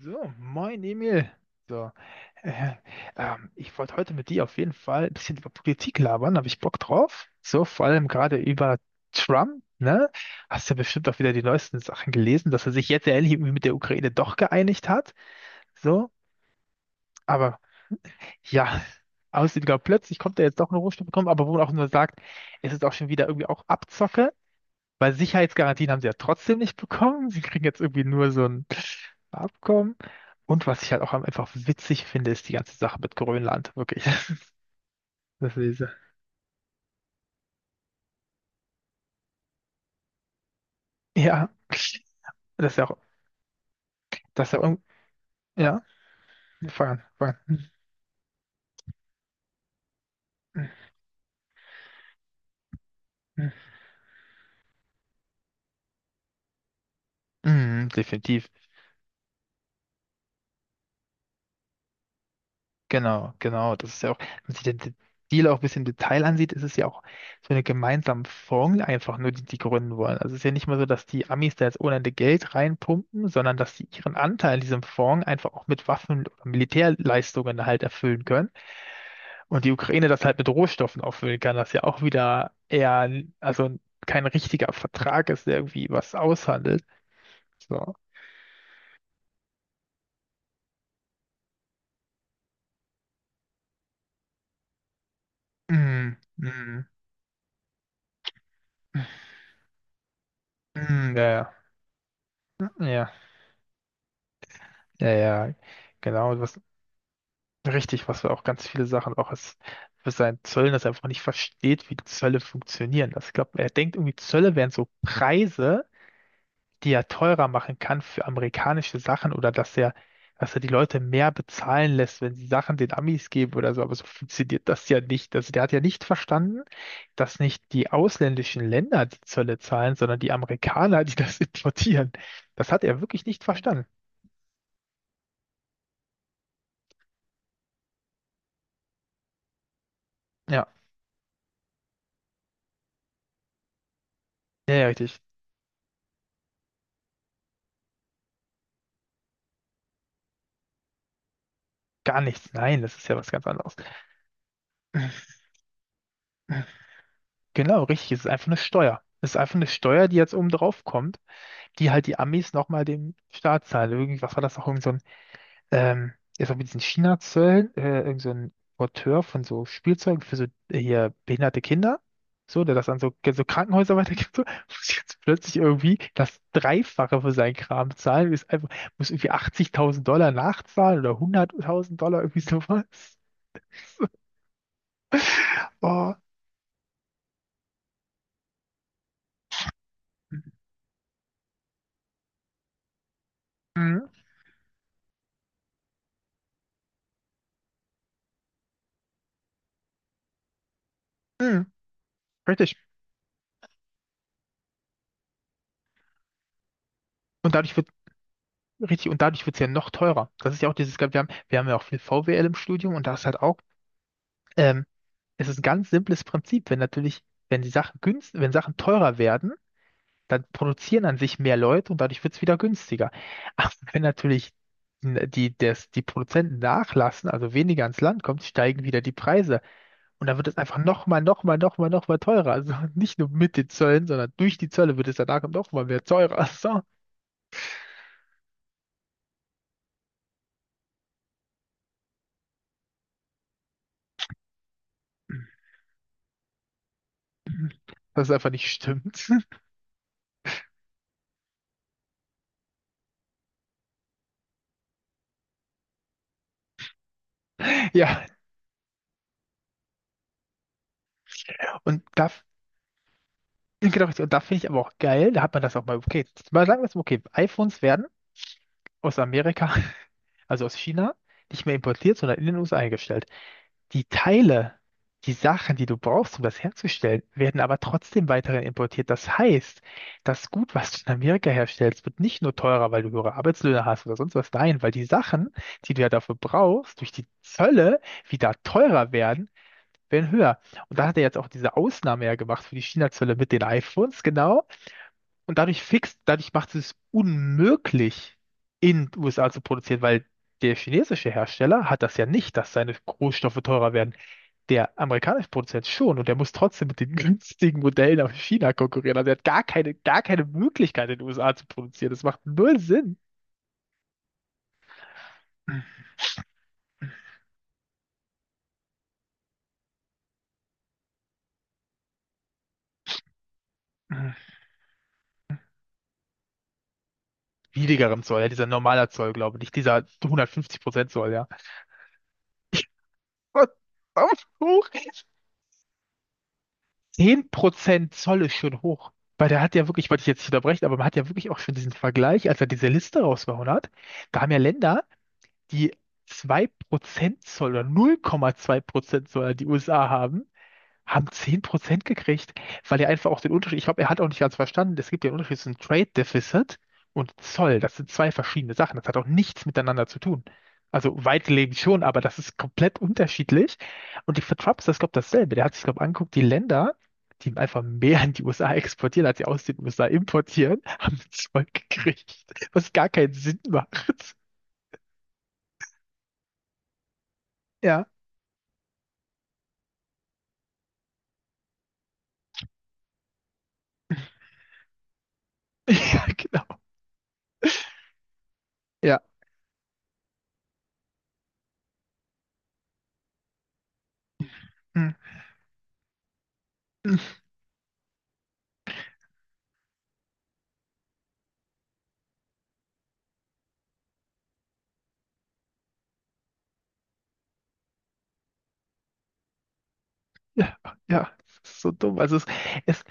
So, moin Emil. So, äh, ich wollte heute mit dir auf jeden Fall ein bisschen über Politik labern, habe ich Bock drauf. So, vor allem gerade über Trump, ne? Hast ja bestimmt auch wieder die neuesten Sachen gelesen, dass er sich jetzt endlich irgendwie mit der Ukraine doch geeinigt hat. So, aber ja, aussieht gar plötzlich kommt er jetzt doch eine Rohstoffe bekommen, aber wo man auch nur sagt, es ist auch schon wieder irgendwie auch Abzocke, weil Sicherheitsgarantien haben sie ja trotzdem nicht bekommen. Sie kriegen jetzt irgendwie nur so ein Abkommen. Und was ich halt auch einfach witzig finde, ist die ganze Sache mit Grönland. Wirklich. Das ist, ja, das ist ja auch, das ist ja, ja, fang an, fang an. Mhm, definitiv. Genau, genau. Das ist ja auch, wenn man sich den Deal auch ein bisschen im Detail ansieht, ist es ja auch so eine gemeinsame Fonds einfach nur, die die gründen wollen. Also es ist ja nicht mal so, dass die Amis da jetzt ohne Ende Geld reinpumpen, sondern dass sie ihren Anteil in diesem Fonds einfach auch mit Waffen oder Militärleistungen halt erfüllen können. Und die Ukraine das halt mit Rohstoffen auffüllen kann, das ja auch wieder eher, also kein richtiger Vertrag ist, der irgendwie was aushandelt. So. Mm, mm, mm, ja, ja, ja, ja, ja, genau. Was, richtig, was wir auch ganz viele Sachen auch als für seinen Zöllen, dass er einfach nicht versteht, wie Zölle funktionieren. Das, ich glaube, er denkt irgendwie, Zölle wären so Preise, die er teurer machen kann für amerikanische Sachen oder dass er die Leute mehr bezahlen lässt, wenn sie Sachen den Amis geben oder so. Aber so funktioniert das ja nicht. Also der hat ja nicht verstanden, dass nicht die ausländischen Länder die Zölle zahlen, sondern die Amerikaner, die das importieren. Das hat er wirklich nicht verstanden. Ja, ja, ja, richtig. Gar nichts. Nein, das ist ja was ganz anderes. Genau, richtig. Es ist einfach eine Steuer. Es ist einfach eine Steuer, die jetzt oben drauf kommt, die halt die Amis nochmal dem Staat zahlen. Irgendwie, was war das noch? Irgend so ein ähm, das war mit diesen China-Zöllen, irgend so ein Porteur von so Spielzeugen für so hier behinderte Kinder, so, der das an so Krankenhäuser weitergibt, so, muss jetzt plötzlich irgendwie das Dreifache für seinen Kram zahlen, ist einfach, muss irgendwie 80.000 Dollar nachzahlen oder 100.000 Dollar, irgendwie sowas. Oh, mhm. Mhm. Richtig. Und dadurch wird, richtig, und dadurch wird es ja noch teurer. Das ist ja auch dieses, wir haben ja auch viel VWL im Studium und da ist halt auch. ähm, Es ist ein ganz simples Prinzip. Wenn natürlich, wenn die Sachen günst, Wenn Sachen teurer werden, dann produzieren an sich mehr Leute und dadurch wird es wieder günstiger. Aber wenn natürlich die Produzenten nachlassen, also weniger ans Land kommt, steigen wieder die Preise. Und dann wird es einfach nochmal, nochmal, nochmal, nochmal teurer. Also nicht nur mit den Zöllen, sondern durch die Zölle wird es danach nochmal mehr teurer. So. Das ist einfach nicht stimmt. Ja, und da, genau, richtig. Und da finde ich aber auch geil, da hat man das auch mal, okay, mal sagen wir es mal, okay, iPhones werden aus Amerika, also aus China, nicht mehr importiert, sondern in den USA eingestellt. Die Teile, die Sachen, die du brauchst, um das herzustellen, werden aber trotzdem weiterhin importiert. Das heißt, das Gut, was du in Amerika herstellst, wird nicht nur teurer, weil du höhere Arbeitslöhne hast oder sonst was. Nein, weil die Sachen, die du ja dafür brauchst, durch die Zölle wieder teurer werden, werden höher. Und da hat er jetzt auch diese Ausnahme ja gemacht für die China-Zölle mit den iPhones, genau. Und dadurch macht es unmöglich, in den USA zu produzieren, weil der chinesische Hersteller hat das ja nicht, dass seine Rohstoffe teurer werden. Der amerikanische Produzent schon und der muss trotzdem mit den günstigen Modellen aus China konkurrieren. Also er hat gar keine Möglichkeit, in den USA zu produzieren. Das macht null Sinn. Niedrigerem Zoll, ja, dieser normaler Zoll, glaube ich, nicht dieser 150% Zoll, ja. Was? Auf hoch? 10% Zoll ist schon hoch. Weil der hat ja wirklich, wollte ich jetzt nicht unterbrechen, aber man hat ja wirklich auch schon diesen Vergleich, als er diese Liste rausgehauen hat. Da haben ja Länder, die 2% Zoll oder 0,2% Zoll an die USA haben, haben 10% gekriegt, weil er einfach auch den Unterschied, ich glaube, er hat auch nicht ganz verstanden, es gibt ja einen Unterschied zwischen Trade Deficit und Zoll. Das sind zwei verschiedene Sachen. Das hat auch nichts miteinander zu tun. Also weitläufig schon, aber das ist komplett unterschiedlich. Und die für Trump ist das, glaube ich, dasselbe. Der hat sich, glaube ich, angeguckt, die Länder, die einfach mehr in die USA exportieren, als sie aus den USA importieren, haben einen Zoll gekriegt, was gar keinen Sinn macht. Ja, ja, genau. Ja. Hm. Ja, ja, das ist so dumm. Also es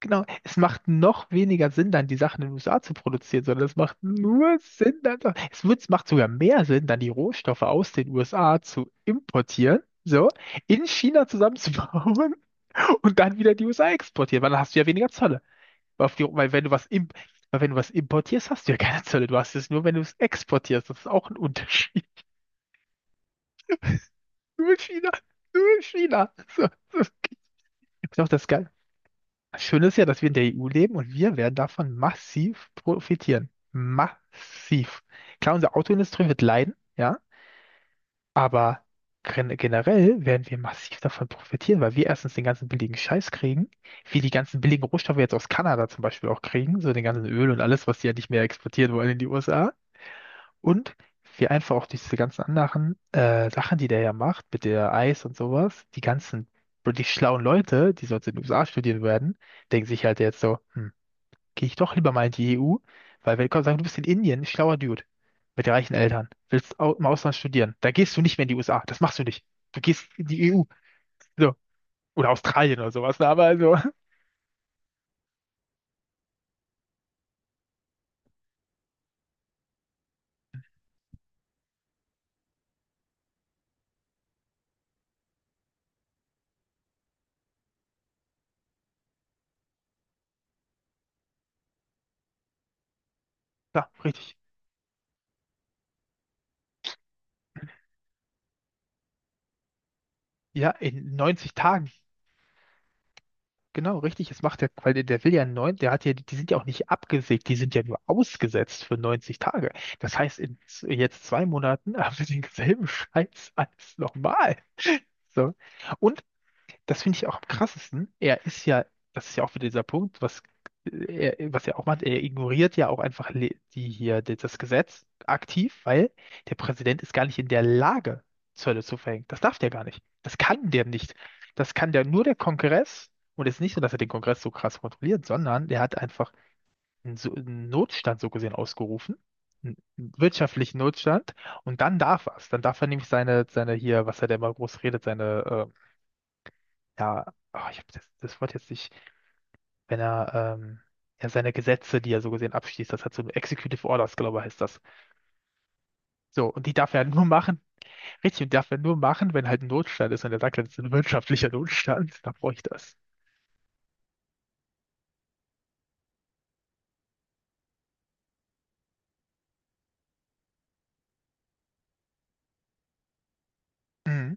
Genau, es macht noch weniger Sinn, dann die Sachen in den USA zu produzieren, sondern es macht nur Sinn, dann, so, es macht sogar mehr Sinn, dann die Rohstoffe aus den USA zu importieren, so, in China zusammenzubauen und dann wieder in die USA exportieren, weil dann hast du ja weniger Zölle. Weil, auf die, weil wenn du was imp, Weil wenn du was importierst, hast du ja keine Zölle. Du hast es nur, wenn du es exportierst. Das ist auch ein Unterschied. Nur China, nur China. So, so. Das ist auch das. Schön ist ja, dass wir in der EU leben und wir werden davon massiv profitieren. Massiv. Klar, unsere Autoindustrie wird leiden, ja, aber generell werden wir massiv davon profitieren, weil wir erstens den ganzen billigen Scheiß kriegen, wir die ganzen billigen Rohstoffe jetzt aus Kanada zum Beispiel auch kriegen, so den ganzen Öl und alles, was die ja nicht mehr exportieren wollen in die USA. Und wir einfach auch diese ganzen anderen Sachen, die der ja macht, mit der Eis und sowas, die ganzen, die schlauen Leute, die sonst in den USA studieren werden, denken sich halt jetzt so, hm, gehe ich doch lieber mal in die EU, weil wenn Gott sagen du bist in Indien, ein schlauer Dude mit reichen Eltern, willst au im Ausland studieren, da gehst du nicht mehr in die USA, das machst du nicht. Du gehst in die EU, so, oder Australien oder sowas, ne? Aber also, ja, richtig. Ja, in 90 Tagen, genau, richtig, es macht ja, weil der will ja neun, der hat ja, die sind ja auch nicht abgesägt, die sind ja nur ausgesetzt für 90 Tage. Das heißt, in jetzt 2 Monaten haben wir denselben Scheiß als nochmal. So. Und das finde ich auch am krassesten. Er ist ja, das ist ja auch wieder dieser Punkt, was er auch macht, er ignoriert ja auch einfach das Gesetz aktiv, weil der Präsident ist gar nicht in der Lage, Zölle zu verhängen. Das darf der gar nicht. Das kann der nicht. Das kann der nur der Kongress. Und es ist nicht so, dass er den Kongress so krass kontrolliert, sondern der hat einfach so einen Notstand so gesehen ausgerufen, einen wirtschaftlichen Notstand. Und dann darf er es. Dann darf er nämlich seine hier, was er da immer groß redet, seine ja, oh, ich habe das Wort jetzt nicht, wenn er, ähm, ja, seine Gesetze, die er so gesehen abschließt, das hat so Executive Orders, glaube ich, heißt das. So, und die darf er halt nur machen, richtig, und darf er nur machen, wenn halt ein Notstand ist und er sagt, das ist ein wirtschaftlicher Notstand, dann brauche ich das. Mhm.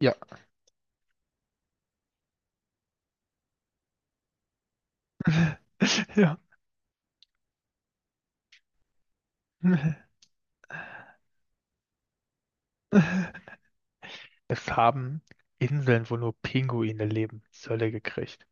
Ja. Ja. Es haben Inseln, wo nur Pinguine leben, Zölle gekriegt.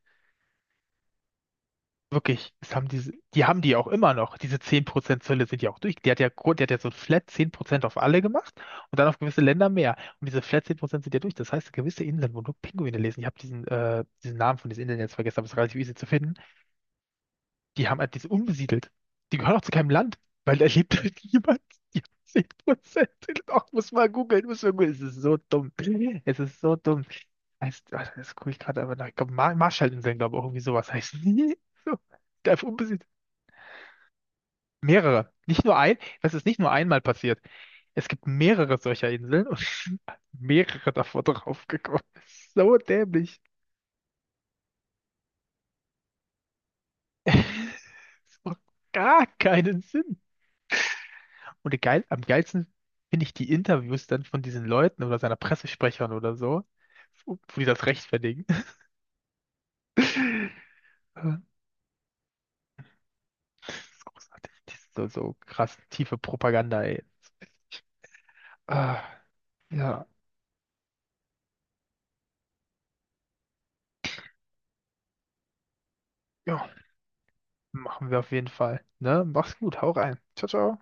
Wirklich, es haben diese, die haben die auch immer noch. Diese 10% Zölle sind ja auch durch. Die hat ja so ein Flat 10% auf alle gemacht und dann auf gewisse Länder mehr. Und diese Flat 10% sind ja durch. Das heißt, gewisse Inseln, wo nur Pinguine lesen, ich habe diesen Namen von diesen Inseln jetzt vergessen, aber es ist relativ easy zu finden, die haben halt diese unbesiedelt. Die gehören auch zu keinem Land, weil da lebt halt niemand. Die haben 10%. Ach, muss mal googeln, muss mal googeln. Es ist so dumm. Es ist so dumm. Heißt, ah, das gucke ich gerade aber nach. Ich glaube, Marshallinseln, glaube ich, auch irgendwie sowas heißt, die. So, einfach unbesiedelt. Mehrere. Nicht nur ein, das ist nicht nur einmal passiert. Es gibt mehrere solcher Inseln und mehrere davon draufgekommen. So dämlich. Das macht gar keinen Sinn. Und geil, am geilsten finde ich die Interviews dann von diesen Leuten oder seiner Pressesprechern oder so, wo die das rechtfertigen. Das ist großartig. Das ist so, so krass tiefe Propaganda, ey. Ah, ja, ja, machen wir auf jeden Fall. Ne? Mach's gut, hau rein. Ciao, ciao.